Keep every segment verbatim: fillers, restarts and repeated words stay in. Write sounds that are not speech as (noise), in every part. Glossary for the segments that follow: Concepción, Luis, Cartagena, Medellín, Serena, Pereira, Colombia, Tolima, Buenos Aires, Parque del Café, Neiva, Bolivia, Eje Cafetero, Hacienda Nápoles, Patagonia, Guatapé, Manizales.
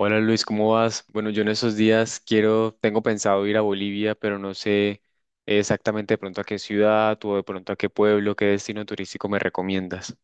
Hola Luis, ¿cómo vas? Bueno, yo en esos días quiero, tengo pensado ir a Bolivia, pero no sé exactamente de pronto a qué ciudad o de pronto a qué pueblo, qué destino turístico me recomiendas.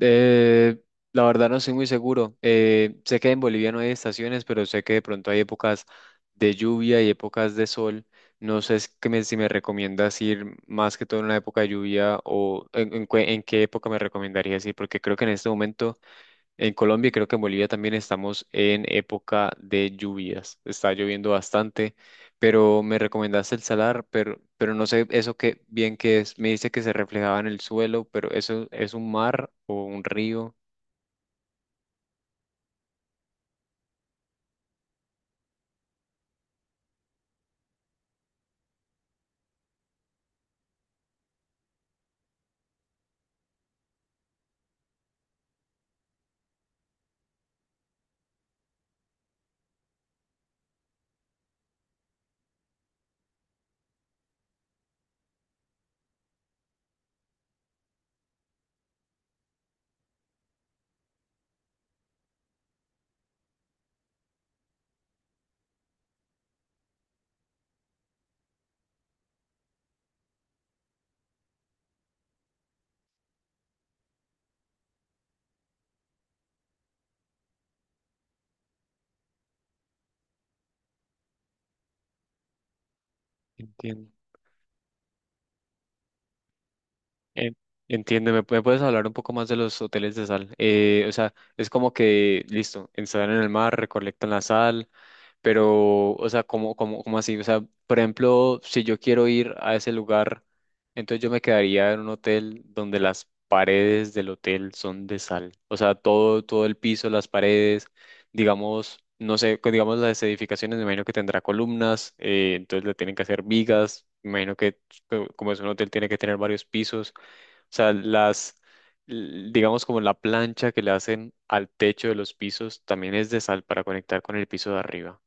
Eh, la verdad no soy muy seguro. Eh, sé que en Bolivia no hay estaciones, pero sé que de pronto hay épocas de lluvia y épocas de sol. No sé es que me- si me recomiendas ir más que todo en la época de lluvia o en, en cue- en qué época me recomendarías ir, porque creo que en este momento en Colombia y creo que en Bolivia también estamos en época de lluvias. Está lloviendo bastante, pero me recomendaste el salar, pero, pero no sé eso qué bien que es. Me dice que se reflejaba en el suelo, pero eso es un mar o un río. Entiendo. En- Entiendo, ¿me me puedes hablar un poco más de los hoteles de sal? Eh, o sea, es como que, listo, instalan en el mar, recolectan la sal, pero, o sea, ¿cómo, cómo, cómo así? O sea, por ejemplo, si yo quiero ir a ese lugar, entonces yo me quedaría en un hotel donde las paredes del hotel son de sal. O sea, todo, todo el piso, las paredes, digamos, no sé, que digamos las edificaciones, me imagino que tendrá columnas, eh, entonces le tienen que hacer vigas, me imagino que co- como es un hotel tiene que tener varios pisos. O sea, las, l- digamos como la plancha que le hacen al techo de los pisos también es de sal para conectar con el piso de arriba.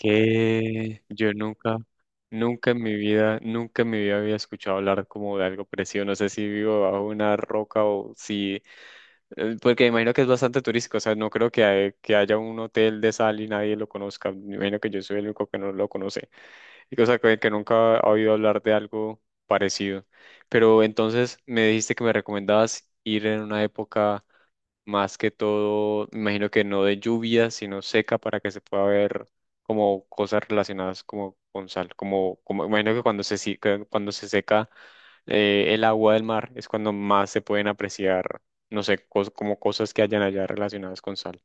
Que yo nunca, nunca en mi vida, nunca en mi vida había escuchado hablar como de algo parecido. No sé si vivo bajo una roca o si, eh, porque me imagino que es bastante turístico. O sea, no creo que, hay- que haya un hotel de sal y nadie lo conozca. Me imagino que yo soy el único que no lo conoce. Y, o sea, que, que nunca ha oído hablar de algo parecido. Pero entonces me dijiste que me recomendabas ir en una época más que todo, me imagino que no de lluvia, sino seca para que se pueda ver como cosas relacionadas como con sal, como, como me imagino que cuando se, si- que cuando se seca eh, el agua del mar es cuando más se pueden apreciar, no sé, cos- como cosas que hayan allá relacionadas con sal.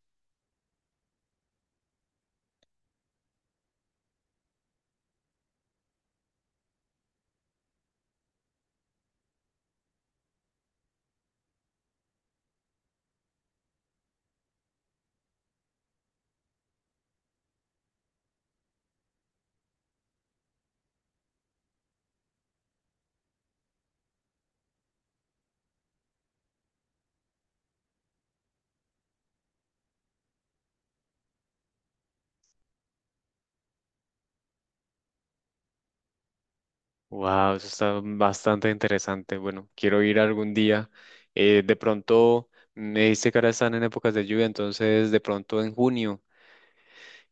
Wow, eso está bastante interesante. Bueno, quiero ir algún día. Eh, de pronto, me dice que ahora están en épocas de lluvia, entonces de pronto en junio,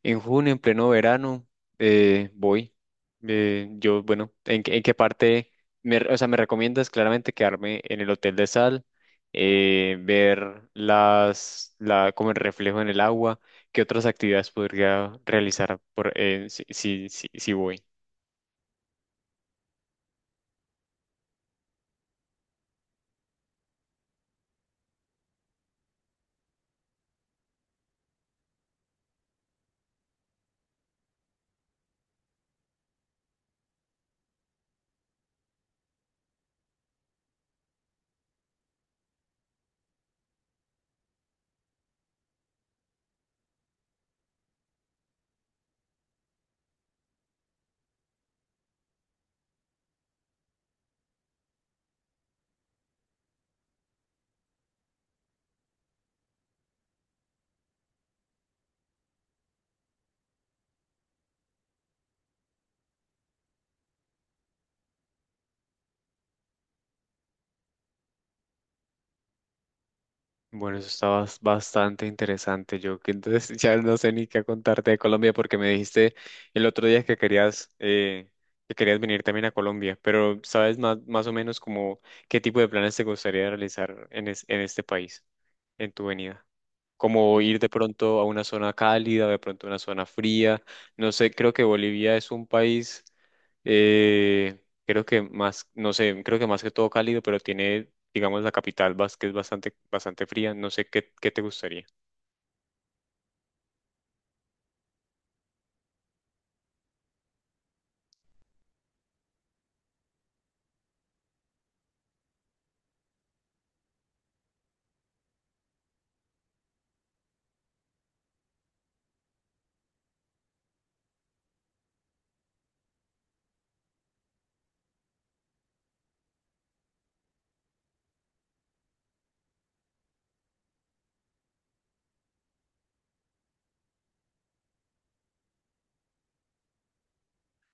en junio, en pleno verano, eh, voy. Eh, yo, bueno, ¿en, qué en qué parte? Me, re- o sea, me recomiendas claramente quedarme en el Hotel de Sal, eh, ver las, la, como el reflejo en el agua. ¿Qué otras actividades podría realizar por, eh, si, si, si si voy? Bueno, eso está bas- bastante interesante. Yo que entonces (laughs) ya no sé ni qué contarte de Colombia porque me dijiste el otro día que querías eh, que querías venir también a Colombia, pero ¿sabes más, más o menos como qué tipo de planes te gustaría realizar en, es- en este país, en tu venida? Como ir de pronto a una zona cálida, de pronto a una zona fría. No sé, creo que Bolivia es un país eh, creo que más, no sé, creo que más que todo cálido, pero tiene digamos, la capital, vas, que es bastante, bastante fría. No sé qué, qué te gustaría.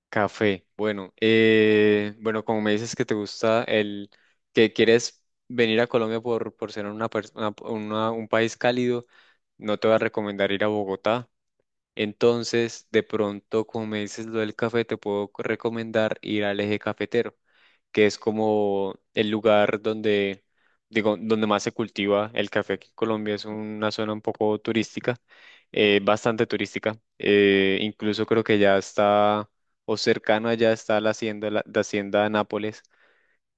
Café. Bueno, eh, bueno, como me dices que te gusta el, que quieres venir a Colombia por, por ser una, pers- una- una- un país cálido, no te voy a recomendar ir a Bogotá. Entonces, de pronto, como me dices lo del café, te puedo co- recomendar ir al Eje Cafetero, que es como el lugar donde, digo, donde más se cultiva el café aquí en Colombia. Es una zona un poco turística, eh, bastante turística. Eh, incluso creo que ya está, o cercano allá está la hacienda, la, la hacienda Nápoles,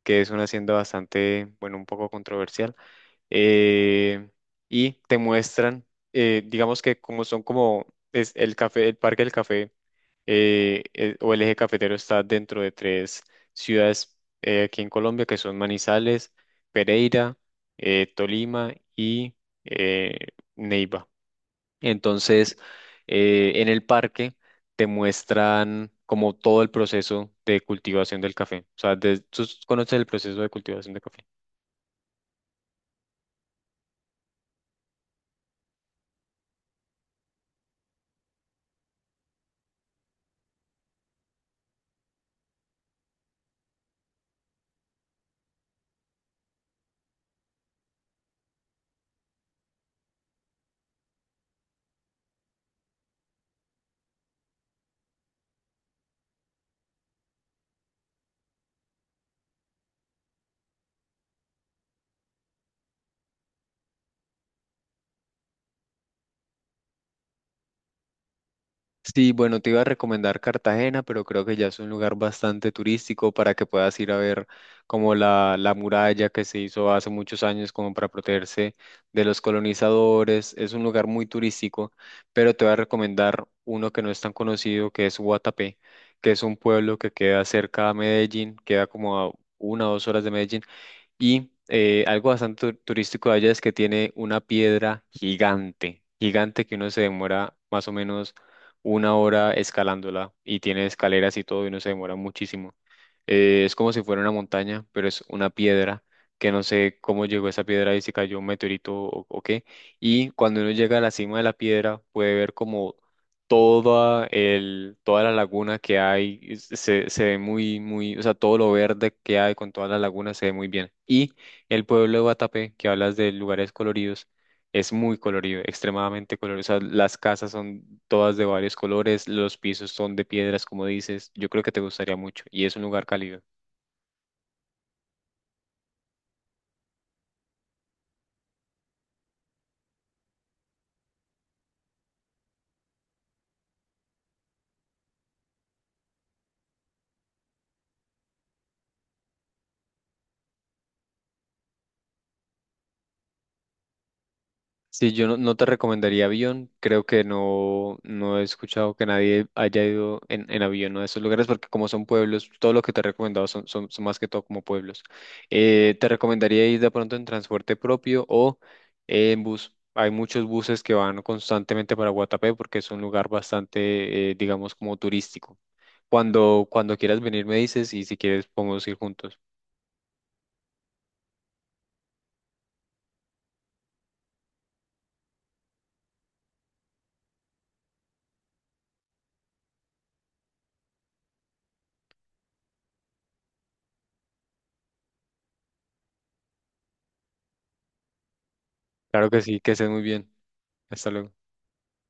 que es una hacienda bastante, bueno, un poco controversial eh, y te muestran, eh, digamos que como son como es el café, el Parque del Café eh, eh, o el eje cafetero está dentro de tres ciudades eh, aquí en Colombia que son Manizales, Pereira, eh, Tolima y eh, Neiva. Entonces, eh, en el parque te muestran como todo el proceso de cultivación del café. O sea, de- tú conoces el proceso de cultivación del café. Sí, bueno, te iba a recomendar Cartagena, pero creo que ya es un lugar bastante turístico para que puedas ir a ver como la, la muralla que se hizo hace muchos años como para protegerse de los colonizadores. Es un lugar muy turístico, pero te voy a recomendar uno que no es tan conocido, que es Guatapé, que es un pueblo que queda cerca a Medellín, queda como a una o dos horas de Medellín, y eh, algo bastante tu- turístico de allá es que tiene una piedra gigante, gigante que uno se demora más o menos una hora escalándola y tiene escaleras y todo y uno se demora muchísimo. Eh, es como si fuera una montaña, pero es una piedra que no sé cómo llegó esa piedra y si cayó un meteorito o, o qué. Y cuando uno llega a la cima de la piedra puede ver como toda el, toda la laguna que hay, es- se, se ve muy, muy, o sea, todo lo verde que hay con toda la laguna se ve muy bien. Y el pueblo de Guatapé, que hablas de lugares coloridos, es muy colorido, extremadamente colorido. O sea, las casas son todas de varios colores, los pisos son de piedras, como dices. Yo creo que te gustaría mucho y es un lugar cálido. Sí, yo no, no te recomendaría avión. Creo que no, no he escuchado que nadie haya ido en, en avión a esos lugares porque como son pueblos, todo lo que te he recomendado son, son, son más que todo como pueblos. Eh, te recomendaría ir de pronto en transporte propio o eh, en bus. Hay muchos buses que van constantemente para Guatapé porque es un lugar bastante, eh, digamos, como turístico. Cuando, cuando quieras venir me dices y si quieres podemos ir juntos. Claro que sí, que estés muy bien. Hasta luego.